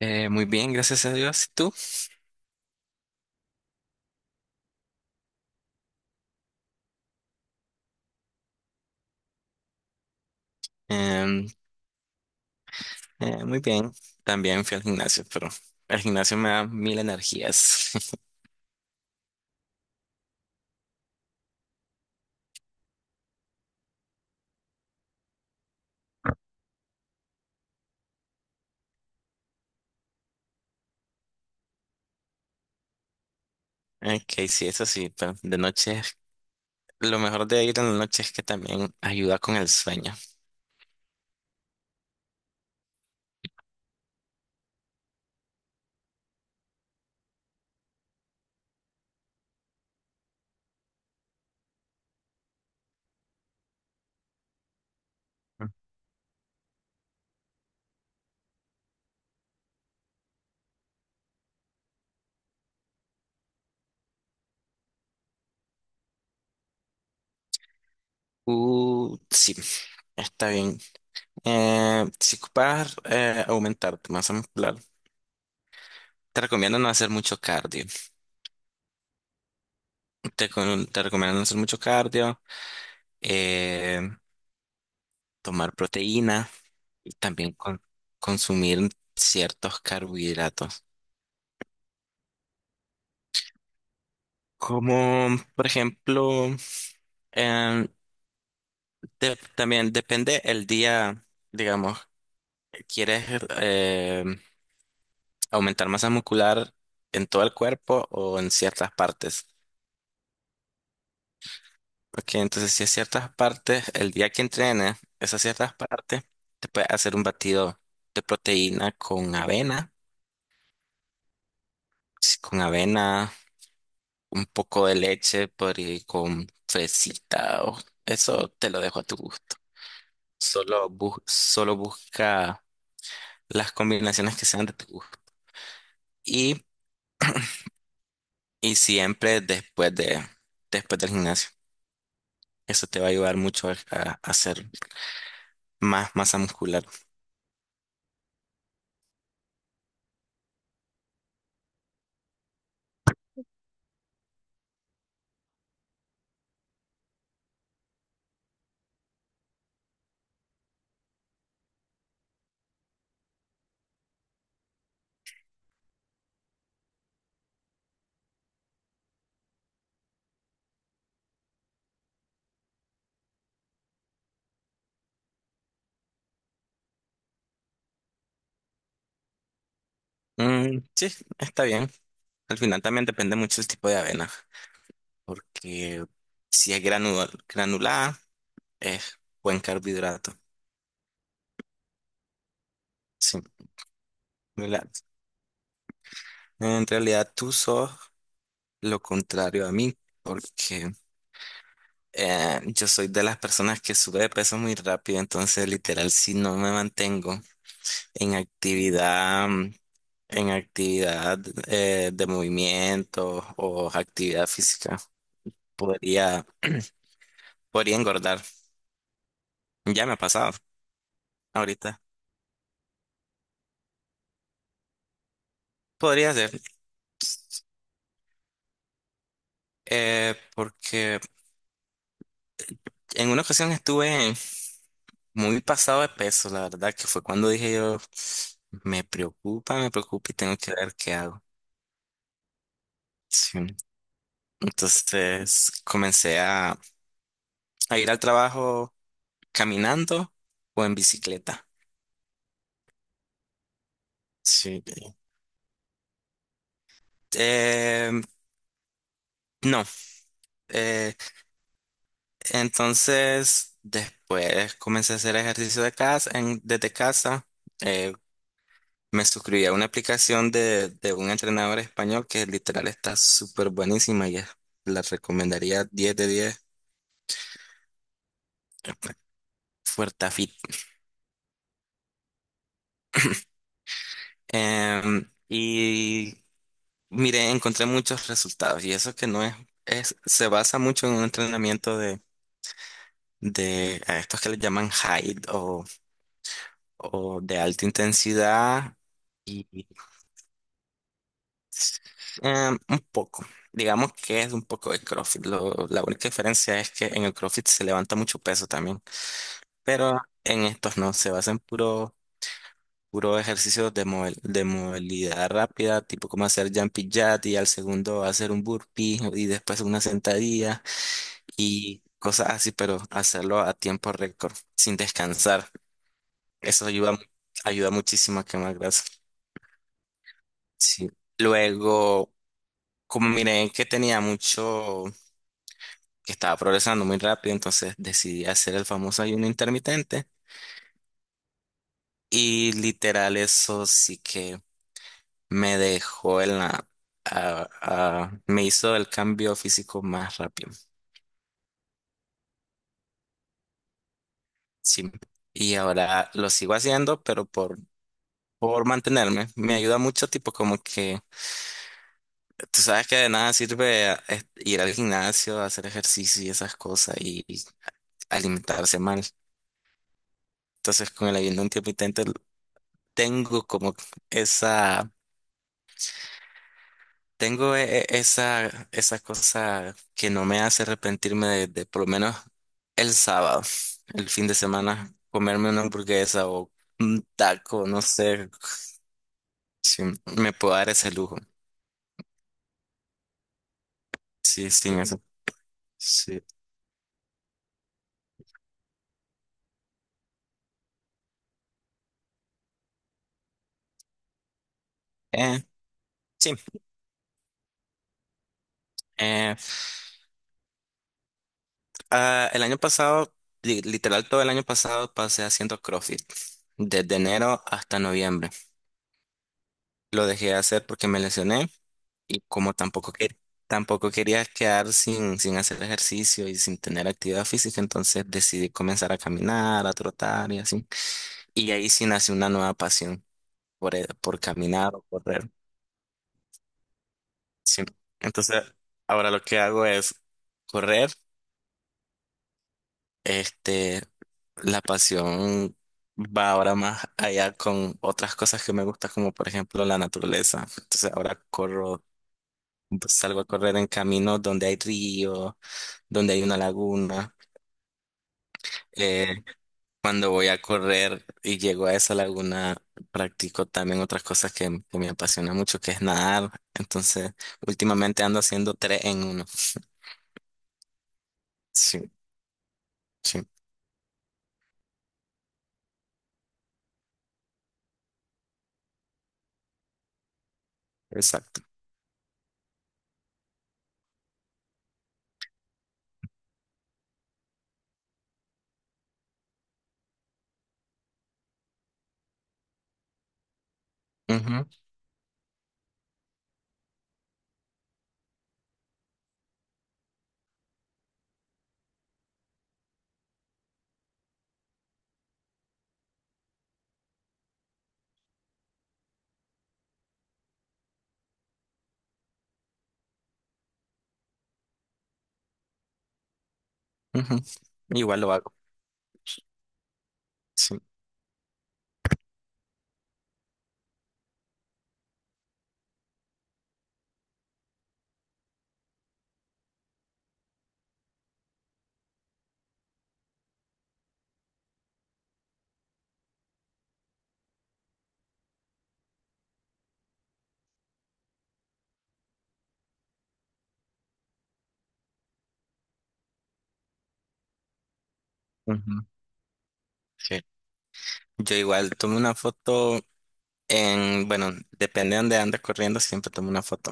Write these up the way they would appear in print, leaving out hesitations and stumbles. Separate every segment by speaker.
Speaker 1: Muy bien, gracias a Dios. ¿Y tú? Em, Muy bien. También fui al gimnasio, pero el gimnasio me da mil energías. Ok, sí, eso sí, pero de noche, lo mejor de ir en la noche es que también ayuda con el sueño. Sí, está bien. Si ocupas aumentar tu masa muscular, te recomiendo no hacer mucho cardio. Te recomiendo no hacer mucho cardio, eh, tomar proteína. También consumir ciertos carbohidratos. Como por ejemplo, em, también depende el día, digamos, ¿quieres eh, aumentar masa muscular en todo el cuerpo o en ciertas partes? Porque entonces si es ciertas partes, el día que entrenes esas ciertas partes, te puedes hacer un batido de proteína con avena, sí, con avena un poco de leche por ahí con fresita o eso te lo dejo a tu gusto. Solo busca las combinaciones que sean de tu gusto. Y, y siempre después después del gimnasio. Eso te va a ayudar mucho a hacer más masa muscular. Sí, está bien. Al final también depende mucho el tipo de avena, porque si es granulada, es buen carbohidrato. Sí, granulada. En realidad tú sos lo contrario a mí, porque yo soy de las personas que sube de peso muy rápido, entonces literal si no me mantengo en actividad, mm, en actividad de movimiento o actividad física, podría, podría engordar. Ya me ha pasado ahorita. Podría ser. Porque en una ocasión estuve muy pasado de peso, la verdad, que fue cuando dije yo, me preocupa y tengo que ver qué hago. Sí. Entonces comencé a ir al trabajo caminando o en bicicleta. Sí. Eh, no. Eh, entonces después comencé a hacer ejercicio de casa, desde casa. Eh, Me suscribí a una aplicación de un entrenador español que literal está súper buenísima y la recomendaría 10 de 10. Fuertafit. Em, y Mire, encontré muchos resultados y eso que no es, es se basa mucho en un entrenamiento de a estos que le llaman HIIT o de alta intensidad y un poco, digamos que es un poco de CrossFit. La única diferencia es que en el CrossFit se levanta mucho peso también, pero en estos no, se basa en puro ejercicios de movilidad rápida, tipo como hacer jumpy jack y al segundo hacer un burpee y después una sentadilla. Y cosas así, pero hacerlo a tiempo récord, sin descansar. Eso ayuda muchísimo a quemar grasa. Sí. Luego, como miré que estaba progresando muy rápido, entonces decidí hacer el famoso ayuno intermitente. Y literal eso sí que me dejó en la... a- me hizo el cambio físico más rápido. Sí. Y ahora lo sigo haciendo, pero por mantenerme. Me ayuda mucho, tipo como que tú sabes que de nada sirve ir al gimnasio, hacer ejercicio y esas cosas y alimentarse mal. Entonces, con el ayuno intermitente tengo como esa, tengo esa cosa que no me hace arrepentirme de por lo menos el sábado, el fin de semana, comerme una hamburguesa o un taco, no sé si me puedo dar ese lujo. Sí, sí, eso. Sí. Eh, sí. eh, el año pasado, literal todo el año pasado, pasé haciendo CrossFit, desde enero hasta noviembre. Lo dejé de hacer porque me lesioné y como tampoco quería quedar sin hacer ejercicio y sin tener actividad física, entonces decidí comenzar a caminar, a trotar y así. Y ahí sí nació una nueva pasión por caminar o correr. Sí. Entonces, ahora lo que hago es correr. Este, la pasión va ahora más allá con otras cosas que me gustan, como por ejemplo la naturaleza. Entonces ahora corro, salgo a correr en caminos donde hay río, donde hay una laguna. Eh, Cuando voy a correr y llego a esa laguna, practico también otras cosas que me apasiona mucho, que es nadar. Entonces, últimamente ando haciendo 3 en 1. Sí, sí, exacto. Ujú, ujú. Igual lo hago. Sí. Ujú, sí. Yo igual tomo una foto bueno, depende de dónde ande corriendo, siempre tomo una foto.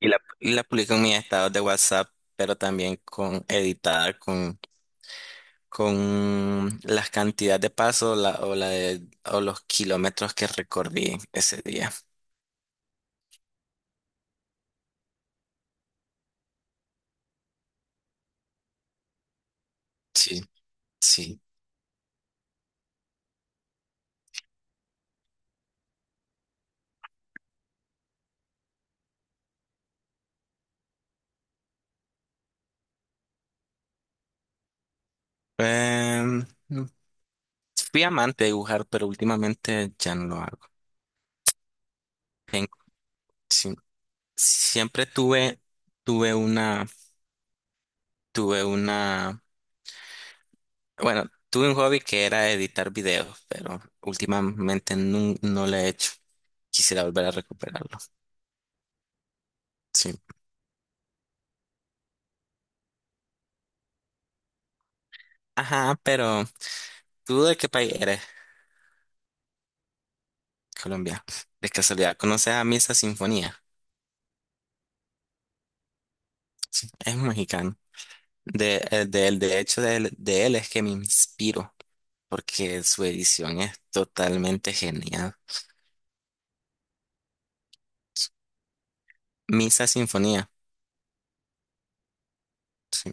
Speaker 1: Y la publico en mis estados de WhatsApp, pero también con editada, con la cantidad de pasos la, o, la de- o los kilómetros que recorrí ese día. Sí, sí. Em, Fui amante de dibujar, pero últimamente ya no lo hago. Ten- sí. Siempre tuve una, tuve una. Bueno, tuve un hobby que era editar videos, pero últimamente no, lo he hecho. Quisiera volver a recuperarlo. Sí. Ajá, pero ¿tú de qué país eres? Colombia. De casualidad, ¿conoces a Misa Sinfonía? Es un mexicano. De hecho, de él es que me inspiro, porque su edición es totalmente genial. Misa Sinfonía. Sí.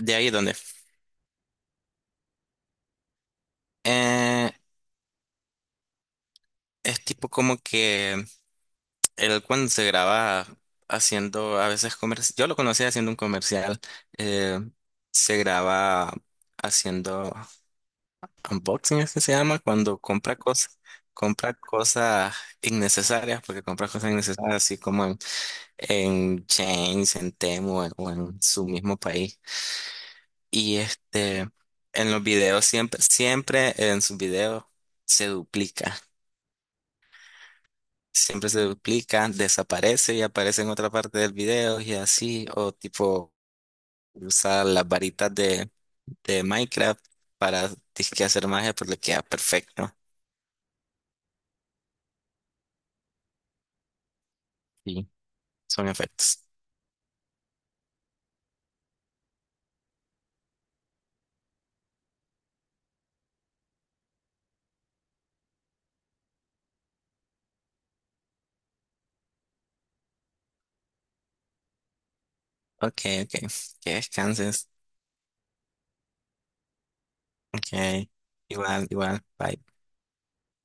Speaker 1: ¿De ahí dónde? Eh, es tipo como que él cuando se graba haciendo a veces comercial, yo lo conocía haciendo un comercial, eh, se graba haciendo unboxing, es que se llama, cuando compra cosas innecesarias, porque compra cosas innecesarias así como en Chains, en Temu o en su mismo país. Y este, en los videos siempre, en sus videos se duplica. Siempre se duplica, desaparece y aparece en otra parte del video y así, o tipo usar las varitas de Minecraft para disque hacer magia, pues le queda perfecto. Y son efectos. Ok, ok, que descanses. Ok, igual, igual, bye.